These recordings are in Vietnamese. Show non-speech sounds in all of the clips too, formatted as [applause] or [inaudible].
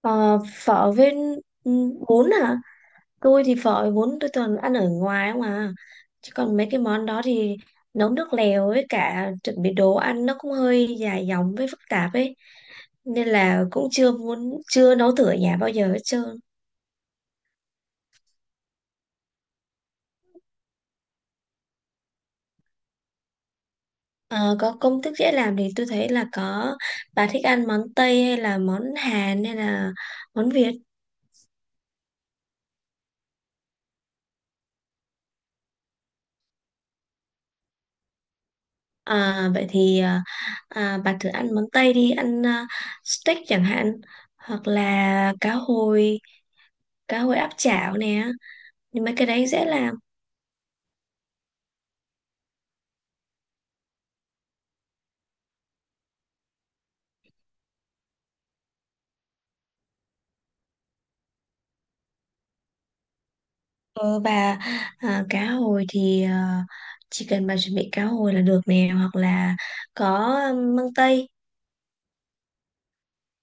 Ờ, phở với ừ, bún à. Tôi thì phở với bún tôi toàn ăn ở ngoài không à, chứ còn mấy cái món đó thì nấu nước lèo với cả chuẩn bị đồ ăn nó cũng hơi dài dòng với phức tạp ấy, nên là cũng chưa nấu thử ở nhà bao giờ hết trơn. Ờ, có công thức dễ làm thì tôi thấy là có. Bà thích ăn món Tây hay là món Hàn hay là món Việt? Vậy thì, bà thử ăn món Tây đi, steak chẳng hạn, hoặc là cá hồi, cá hồi áp chảo nè, nhưng mấy cái đấy dễ làm. Ờ, và à, cá hồi thì chỉ cần bà chuẩn bị cá hồi là được nè, hoặc là có măng tây.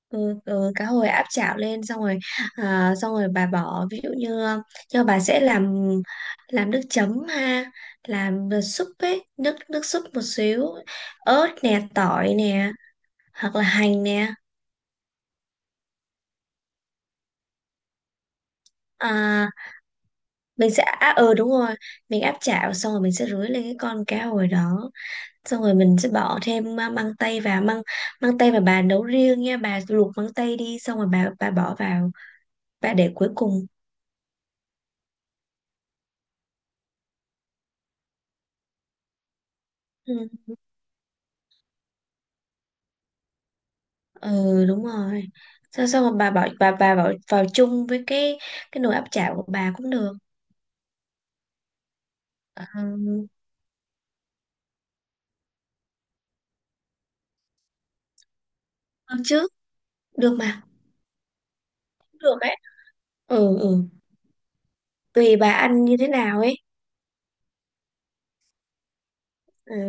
Ừ, ừ, cá hồi áp chảo lên xong rồi. Xong rồi bà bỏ ví dụ như, cho bà sẽ làm nước chấm ha, làm nước súp ấy, nước nước súp một xíu, ớt nè, tỏi nè, hoặc là hành nè. À, mình sẽ à, ừ đúng rồi, mình áp chảo xong rồi mình sẽ rưới lên cái con cá hồi đó. Xong rồi mình sẽ bỏ thêm măng tây vào. Măng măng tây mà bà nấu riêng nha, bà luộc măng tây đi xong rồi bà bỏ vào, bà để cuối cùng. Ừ, ừ đúng rồi. Xong xong rồi bà bỏ vào chung với cái nồi áp chảo của bà cũng được. Ừ, được chứ, được mà, cũng được ấy. Ừ, ừ, tùy bà ăn như thế nào ấy. Ừ,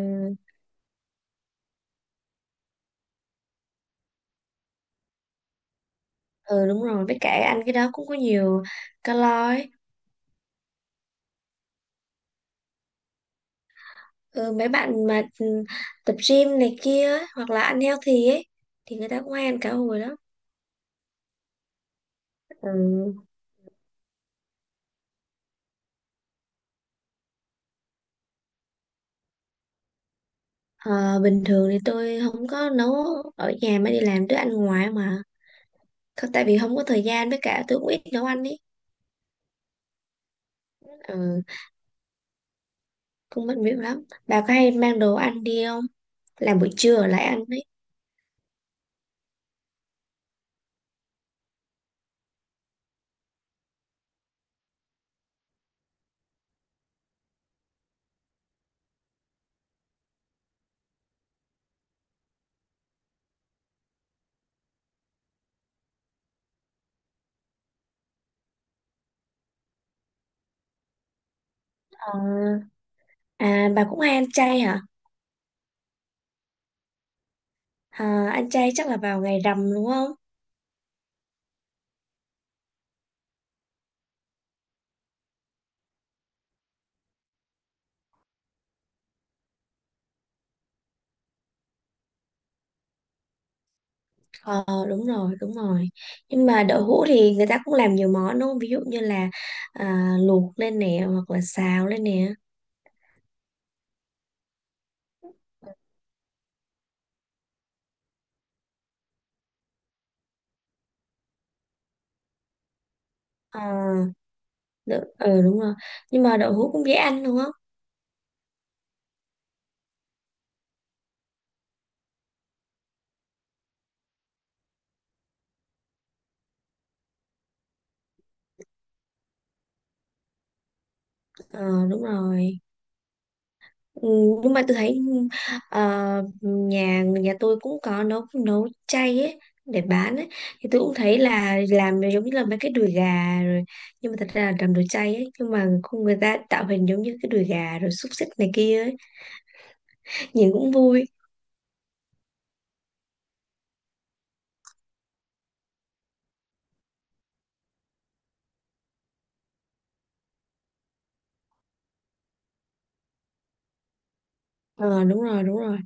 ừ đúng rồi, với cả ăn cái đó cũng có nhiều calo ấy. Ừ, mấy bạn mà tập gym này kia ấy, hoặc là ăn healthy ấy, thì người ta cũng hay ăn cá hồi lắm. Ừ. Ờ, bình thường thì tôi không có nấu ở nhà mà đi làm tôi ăn ngoài mà. Không- tại vì không có thời gian, với cả tôi cũng ít nấu ăn ấy. Ừ, cũng mất việc lắm. Bà có hay mang đồ ăn đi không, làm buổi trưa ở lại ăn ấy? Ờ, à, bà cũng hay ăn chay hả? À, ăn chay chắc là vào ngày rằm đúng không? Ờ đúng rồi, đúng rồi. Nhưng mà đậu hũ thì người ta cũng làm nhiều món đúng không, ví dụ như là luộc lên nè, hoặc là xào lên nè. Ờ, ừ, đúng rồi. Nhưng mà đậu hũ cũng dễ ăn đúng không? Ờ đúng rồi. Ừ, nhưng mà tôi thấy, ờ, nhà nhà tôi cũng có nấu nấu chay ấy để bán ấy, thì tôi cũng thấy là làm giống như là mấy cái đùi gà rồi. Nhưng mà thật ra là làm đồ chay ấy, nhưng mà không, người ta tạo hình giống như cái đùi gà rồi xúc xích này kia ấy, nhìn cũng vui. Ờ đúng rồi, đúng rồi.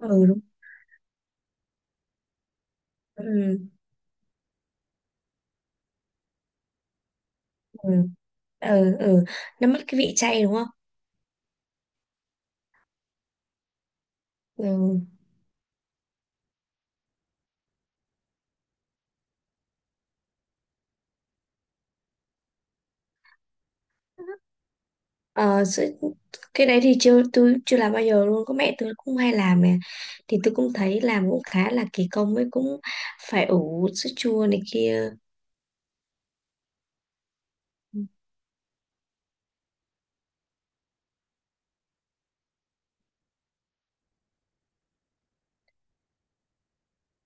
Ừ đúng. Ừ, ừ. Ừ, ừ. Nó mất cái vị chay đúng không? Ừ. Ờ, cái đấy thì chưa tôi chưa làm bao giờ luôn, có mẹ tôi cũng hay làm nè, thì tôi cũng thấy làm cũng khá là kỳ công, với cũng phải ủ sữa chua này kia.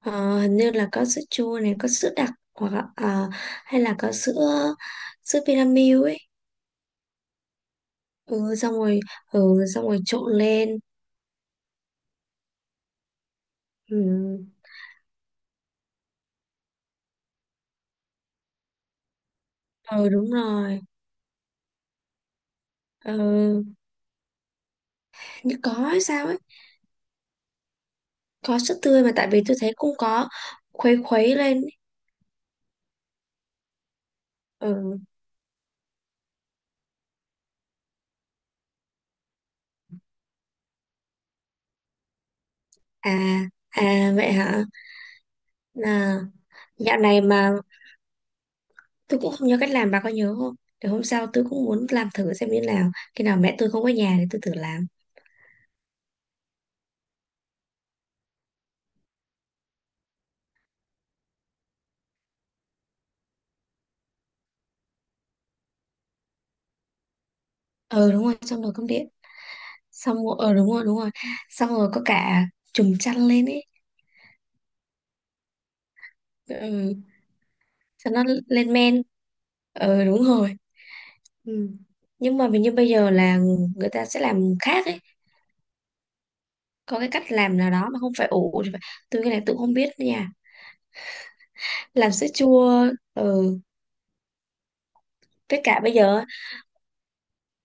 Ờ, hình như là có sữa chua này, có sữa đặc hoặc là, hay là có sữa sữa Vinamilk ấy. Ừ, xong rồi. Ừ, xong rồi trộn lên. Ừ, ừ đúng rồi. Ừ, như có hay sao ấy. Có sữa tươi mà, tại vì tôi thấy cũng có khuấy khuấy lên ấy. Ừ. À, à vậy hả? Là dạo này mà tôi cũng không nhớ cách làm, bà có nhớ không? Để hôm sau tôi cũng muốn làm thử xem như nào, khi nào mẹ tôi không có nhà thì tôi thử làm. Ờ đúng rồi, xong rồi cơm điện. Xong rồi đúng rồi, đúng rồi, xong rồi có cả chùm chăn lên ấy. Ừ. Cho nó lên men. Ờ đúng rồi. Ừ. Nhưng mà hình như bây giờ là người ta sẽ làm khác ấy. Có cái cách làm nào đó mà không phải ủ thì phải- tôi cái này tôi không biết đó nha. Làm sữa chua. Ừ. Với cả bây giờ á,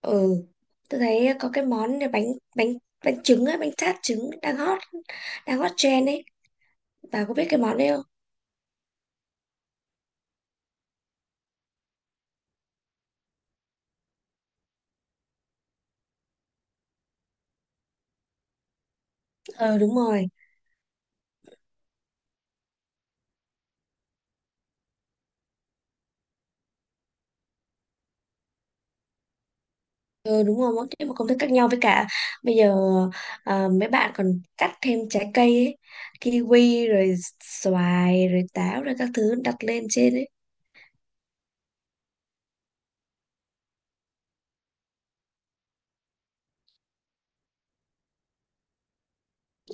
ừ, tôi thấy có cái món này, bánh bánh bánh trứng á, bánh tart trứng đang hot, đang hot trend ấy, bà có biết cái món đấy không? Ờ đúng rồi. Ờ đúng rồi, mỗi cái một công thức khác nhau, với cả bây giờ mấy bạn còn cắt thêm trái cây ấy, kiwi rồi xoài rồi táo rồi các thứ đặt lên trên ấy.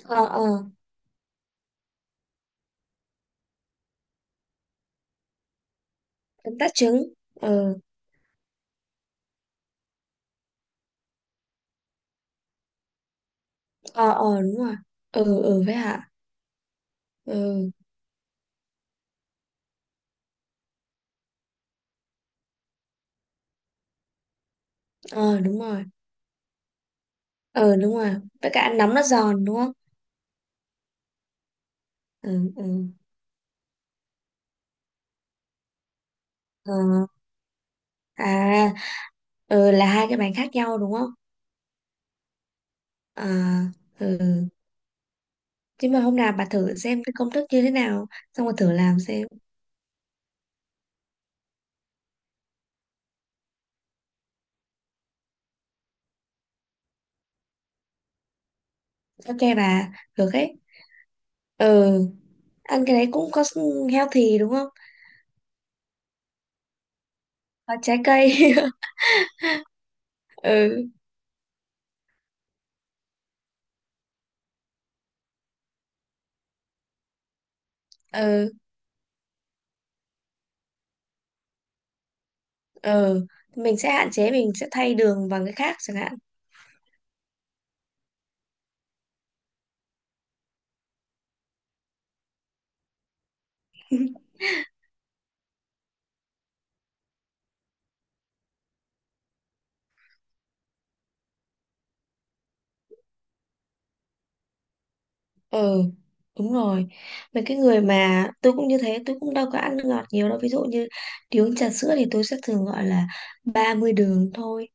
Ờ, ờ. Bánh tart trứng. Ờ. Ờ, ờ đúng rồi. Ừ, ừ với hả? Ừ. Ờ đúng rồi. Ờ đúng rồi, với cả ăn nóng nó giòn đúng không? Ừ, ừ. Ờ, à, ừ là hai cái bánh khác nhau đúng không? Ờ, ừ. Chứ mà hôm nào bà thử xem cái công thức như thế nào, xong rồi thử làm xem. Ok bà, được ấy. Ừ. Ăn cái đấy cũng có healthy đúng không? Có trái cây. [laughs] Ừ, ừ, ừ. Mình sẽ hạn chế, mình sẽ thay đường bằng cái khác chẳng hạn. [laughs] Ừ đúng rồi, mấy cái người mà tôi cũng như thế, tôi cũng đâu có ăn nước ngọt nhiều đâu. Ví dụ như đi uống trà sữa thì tôi sẽ thường gọi là 30 đường thôi.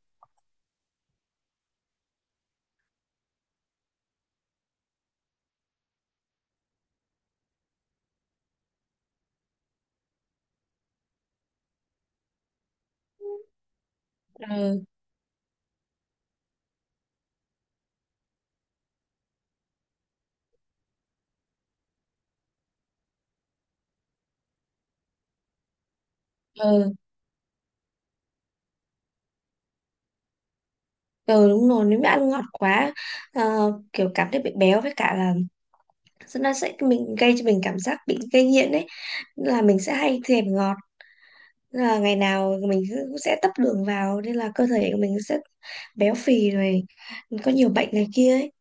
Ừ, ừ. Ừ đúng rồi, nếu mà ăn ngọt quá, kiểu cảm thấy bị béo, với cả là nó sẽ mình gây cho mình cảm giác bị gây nghiện ấy. Nên là mình sẽ hay thèm ngọt. Nên là ngày nào mình cũng sẽ tấp đường vào, nên là cơ thể của mình sẽ béo phì rồi có nhiều bệnh này kia ấy.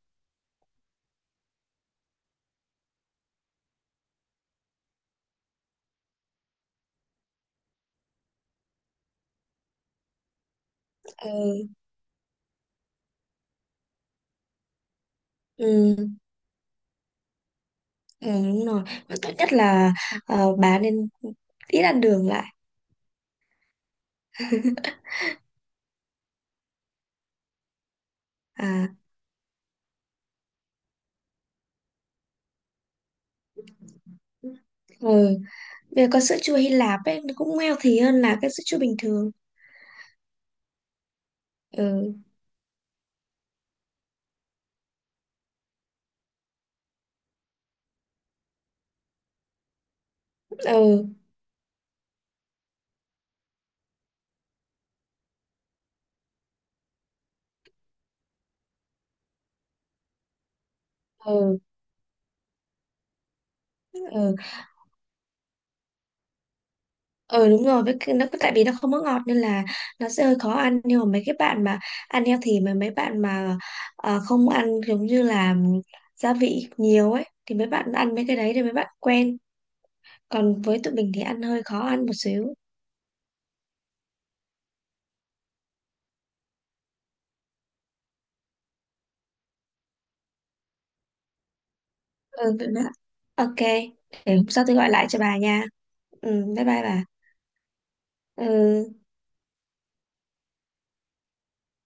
Ừ, ừ. Ừ, đúng rồi. Và tốt nhất là bà nên ít ăn đường lại. À, ừ. Bây giờ con sữa chua Hy Lạp ấy nó cũng healthy hơn là cái sữa chua bình thường. Ừ, ừ, ừ, ừ, ừ đúng rồi. Với cái, nó tại vì nó không có ngọt nên là nó sẽ hơi khó ăn. Nhưng mà mấy cái bạn mà ăn healthy, mà mấy bạn mà không ăn giống như là gia vị nhiều ấy, thì mấy bạn ăn mấy cái đấy thì mấy bạn quen. Còn với tụi mình thì ăn hơi khó ăn một xíu. Ừ vậy mà, ok. Để hôm sau tôi gọi lại cho bà nha. Ừ bye bye bà. Ừ.